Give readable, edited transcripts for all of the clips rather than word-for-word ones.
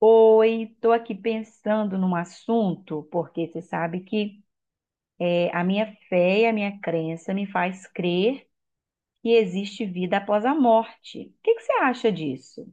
Oi, estou aqui pensando num assunto, porque você sabe que a minha fé e a minha crença me faz crer que existe vida após a morte. O que que você acha disso?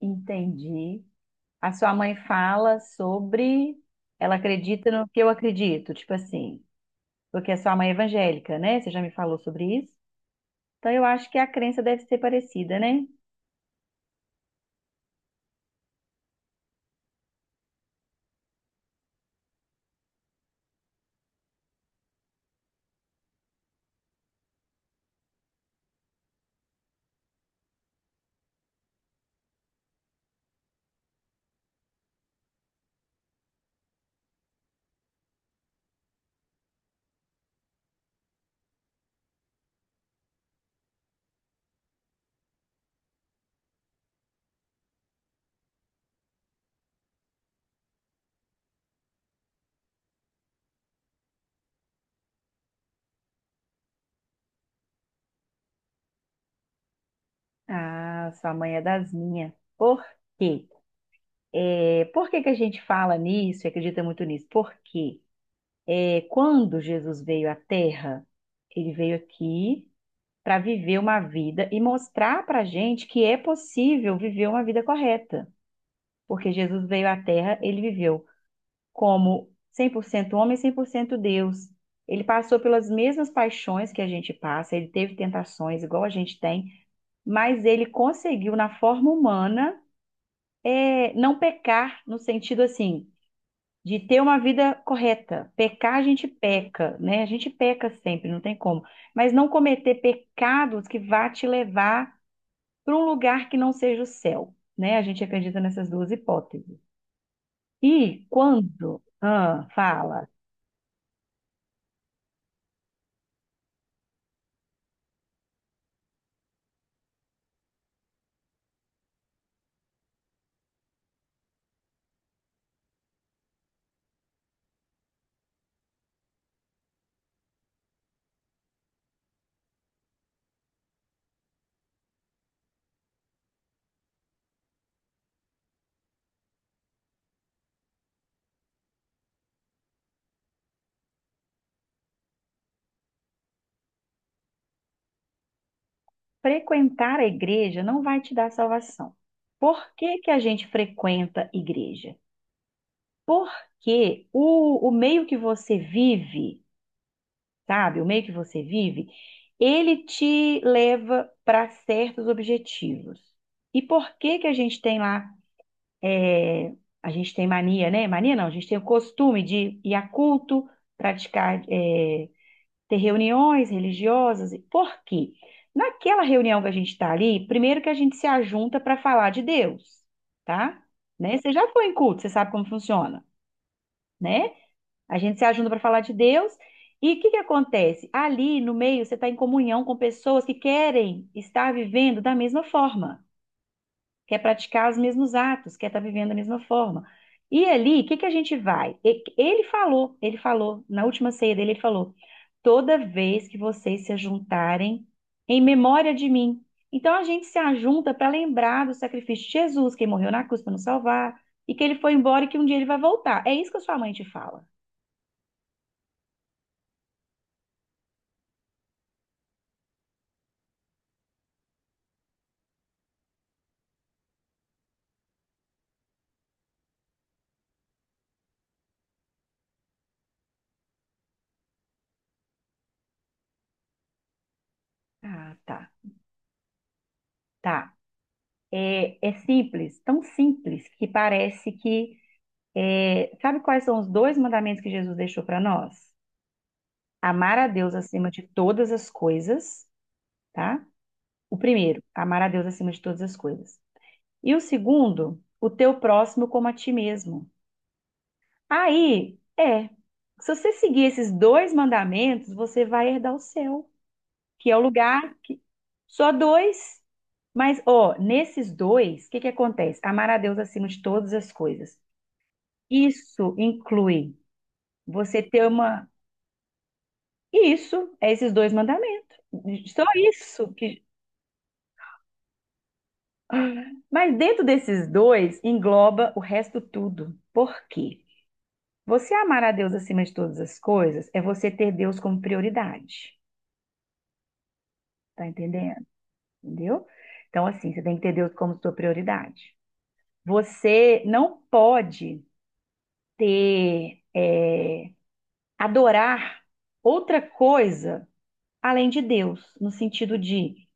Entendi. A sua mãe fala sobre ela acredita no que eu acredito, tipo assim, porque a sua mãe é evangélica, né? Você já me falou sobre isso? Então eu acho que a crença deve ser parecida, né? Ah, sua mãe é das minhas. Por quê? É, por que que a gente fala nisso e acredita muito nisso? Porque quando Jesus veio à Terra, ele veio aqui para viver uma vida e mostrar para a gente que é possível viver uma vida correta. Porque Jesus veio à Terra, ele viveu como 100% homem, e 100% Deus. Ele passou pelas mesmas paixões que a gente passa, ele teve tentações igual a gente tem, mas ele conseguiu, na forma humana, não pecar no sentido assim de ter uma vida correta. Pecar, a gente peca, né? A gente peca sempre, não tem como. Mas não cometer pecados que vá te levar para um lugar que não seja o céu, né? A gente acredita nessas duas hipóteses. E quando, ah, fala. Frequentar a igreja não vai te dar salvação. Por que que a gente frequenta igreja? Porque o meio que você vive, sabe? O meio que você vive, ele te leva para certos objetivos. E por que que a gente tem lá, é, a gente tem mania, né? Mania não, a gente tem o costume de ir a culto, praticar, ter reuniões religiosas. Por quê? Naquela reunião que a gente está ali, primeiro que a gente se ajunta para falar de Deus, tá? Né? Você já foi em culto, você sabe como funciona, né? A gente se ajuda para falar de Deus. E o que que acontece? Ali no meio, você está em comunhão com pessoas que querem estar vivendo da mesma forma, quer praticar os mesmos atos, quer estar vivendo da mesma forma. E ali, o que que a gente vai? Ele falou, na última ceia dele, ele falou: toda vez que vocês se juntarem em memória de mim. Então a gente se ajunta para lembrar do sacrifício de Jesus, que morreu na cruz para nos salvar, e que ele foi embora e que um dia ele vai voltar. É isso que a sua mãe te fala. Ah, tá. Tá. É, é simples, tão simples que parece que. É, sabe quais são os dois mandamentos que Jesus deixou para nós? Amar a Deus acima de todas as coisas, tá? O primeiro, amar a Deus acima de todas as coisas. E o segundo, o teu próximo como a ti mesmo. Aí, é. Se você seguir esses dois mandamentos, você vai herdar o céu. Que é o lugar que. Só dois, mas ó, nesses dois, o que que acontece? Amar a Deus acima de todas as coisas. Isso inclui você ter uma. Isso, é esses dois mandamentos. Só isso que. Mas dentro desses dois engloba o resto tudo. Por quê? Você amar a Deus acima de todas as coisas é você ter Deus como prioridade. Tá entendendo? Entendeu? Então, assim, você tem que ter Deus como sua prioridade. Você não pode ter, adorar outra coisa além de Deus, no sentido de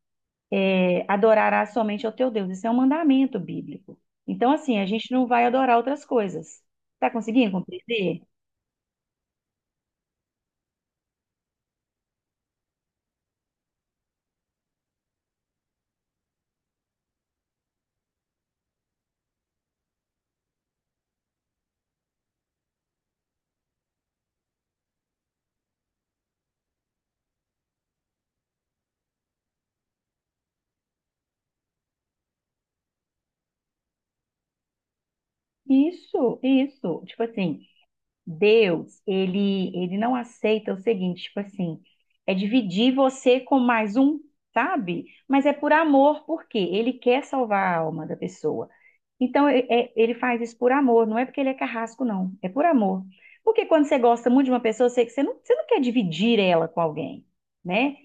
adorarás somente ao teu Deus. Isso é um mandamento bíblico. Então, assim, a gente não vai adorar outras coisas. Tá conseguindo compreender? Isso, isso. Tipo assim, Deus, ele não aceita o seguinte, tipo assim, é dividir você com mais um, sabe? Mas é por amor, porque ele quer salvar a alma da pessoa. Então, ele faz isso por amor, não é porque ele é carrasco, não. É por amor. Porque quando você gosta muito de uma pessoa, você, você não quer dividir ela com alguém, né?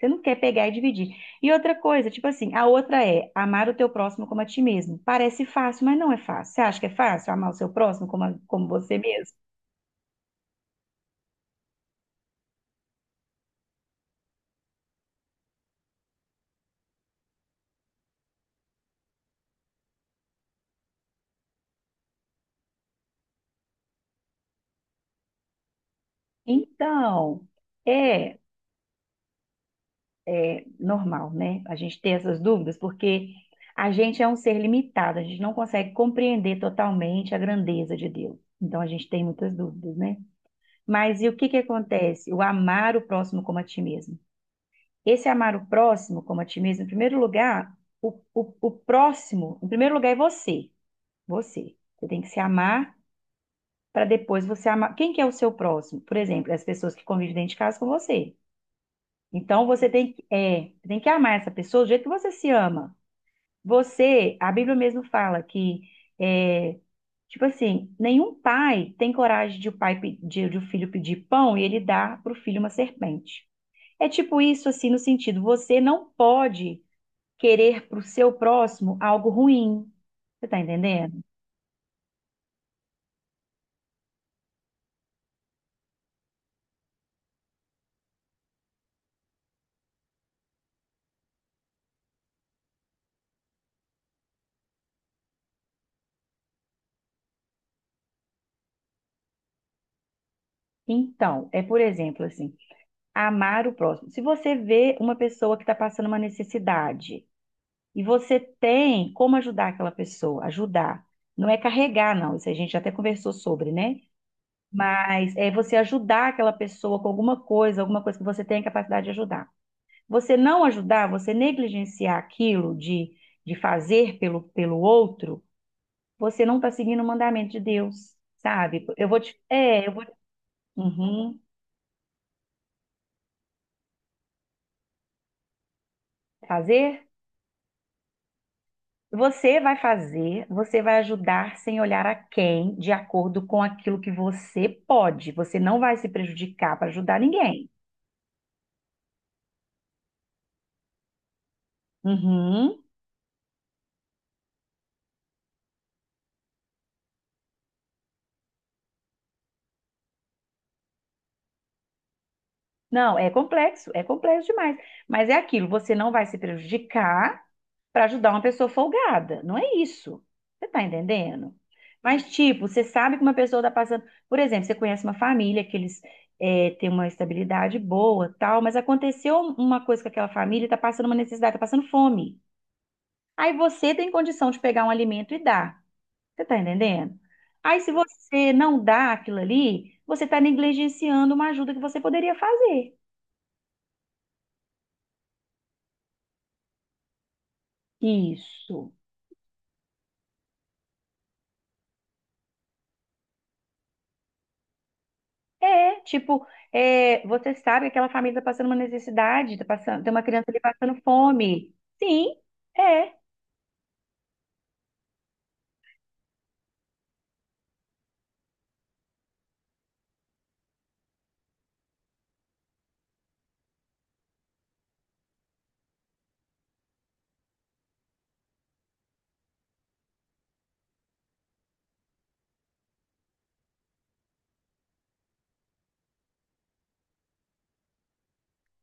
Você não quer pegar e dividir. E outra coisa, tipo assim, a outra é amar o teu próximo como a ti mesmo. Parece fácil, mas não é fácil. Você acha que é fácil amar o seu próximo como, como você mesmo? Então, é. É normal, né? A gente ter essas dúvidas, porque a gente é um ser limitado, a gente não consegue compreender totalmente a grandeza de Deus. Então a gente tem muitas dúvidas, né? Mas e o que que acontece? O amar o próximo como a ti mesmo. Esse amar o próximo como a ti mesmo, em primeiro lugar, o próximo, em primeiro lugar é você. Você. Você tem que se amar para depois você amar. Quem que é o seu próximo? Por exemplo, as pessoas que convivem dentro de casa com você. Então você tem que, tem que amar essa pessoa do jeito que você se ama. Você, a Bíblia mesmo fala que, é, tipo assim, nenhum pai tem coragem de o pai pe- de o filho pedir pão e ele dá para o filho uma serpente. É tipo isso, assim, no sentido, você não pode querer para o seu próximo algo ruim. Você tá entendendo? Então, é por exemplo, assim, amar o próximo. Se você vê uma pessoa que está passando uma necessidade e você tem como ajudar aquela pessoa, ajudar. Não é carregar, não. Isso a gente até conversou sobre, né? Mas é você ajudar aquela pessoa com alguma coisa que você tem a capacidade de ajudar. Você não ajudar, você negligenciar aquilo de fazer pelo, pelo outro, você não está seguindo o mandamento de Deus, sabe? Eu vou te. É, eu vou. Uhum. Fazer? Você vai fazer, você vai ajudar sem olhar a quem, de acordo com aquilo que você pode. Você não vai se prejudicar para ajudar ninguém. Uhum. Não, é complexo demais. Mas é aquilo, você não vai se prejudicar para ajudar uma pessoa folgada. Não é isso. Você tá entendendo? Mas, tipo, você sabe que uma pessoa tá passando. Por exemplo, você conhece uma família que eles têm uma estabilidade boa, tal, mas aconteceu uma coisa com aquela família, tá passando uma necessidade, tá passando fome. Aí você tem condição de pegar um alimento e dar. Você tá entendendo? Aí, se você não dá aquilo ali, você tá negligenciando uma ajuda que você poderia fazer. Isso. É, tipo, você sabe que aquela família está passando uma necessidade, tá passando, tem uma criança ali passando fome. Sim, é,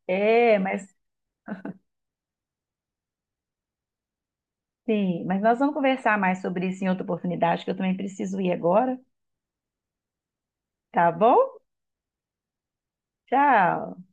é, mas sim, mas nós vamos conversar mais sobre isso em outra oportunidade, que eu também preciso ir agora, tá bom? Tchau.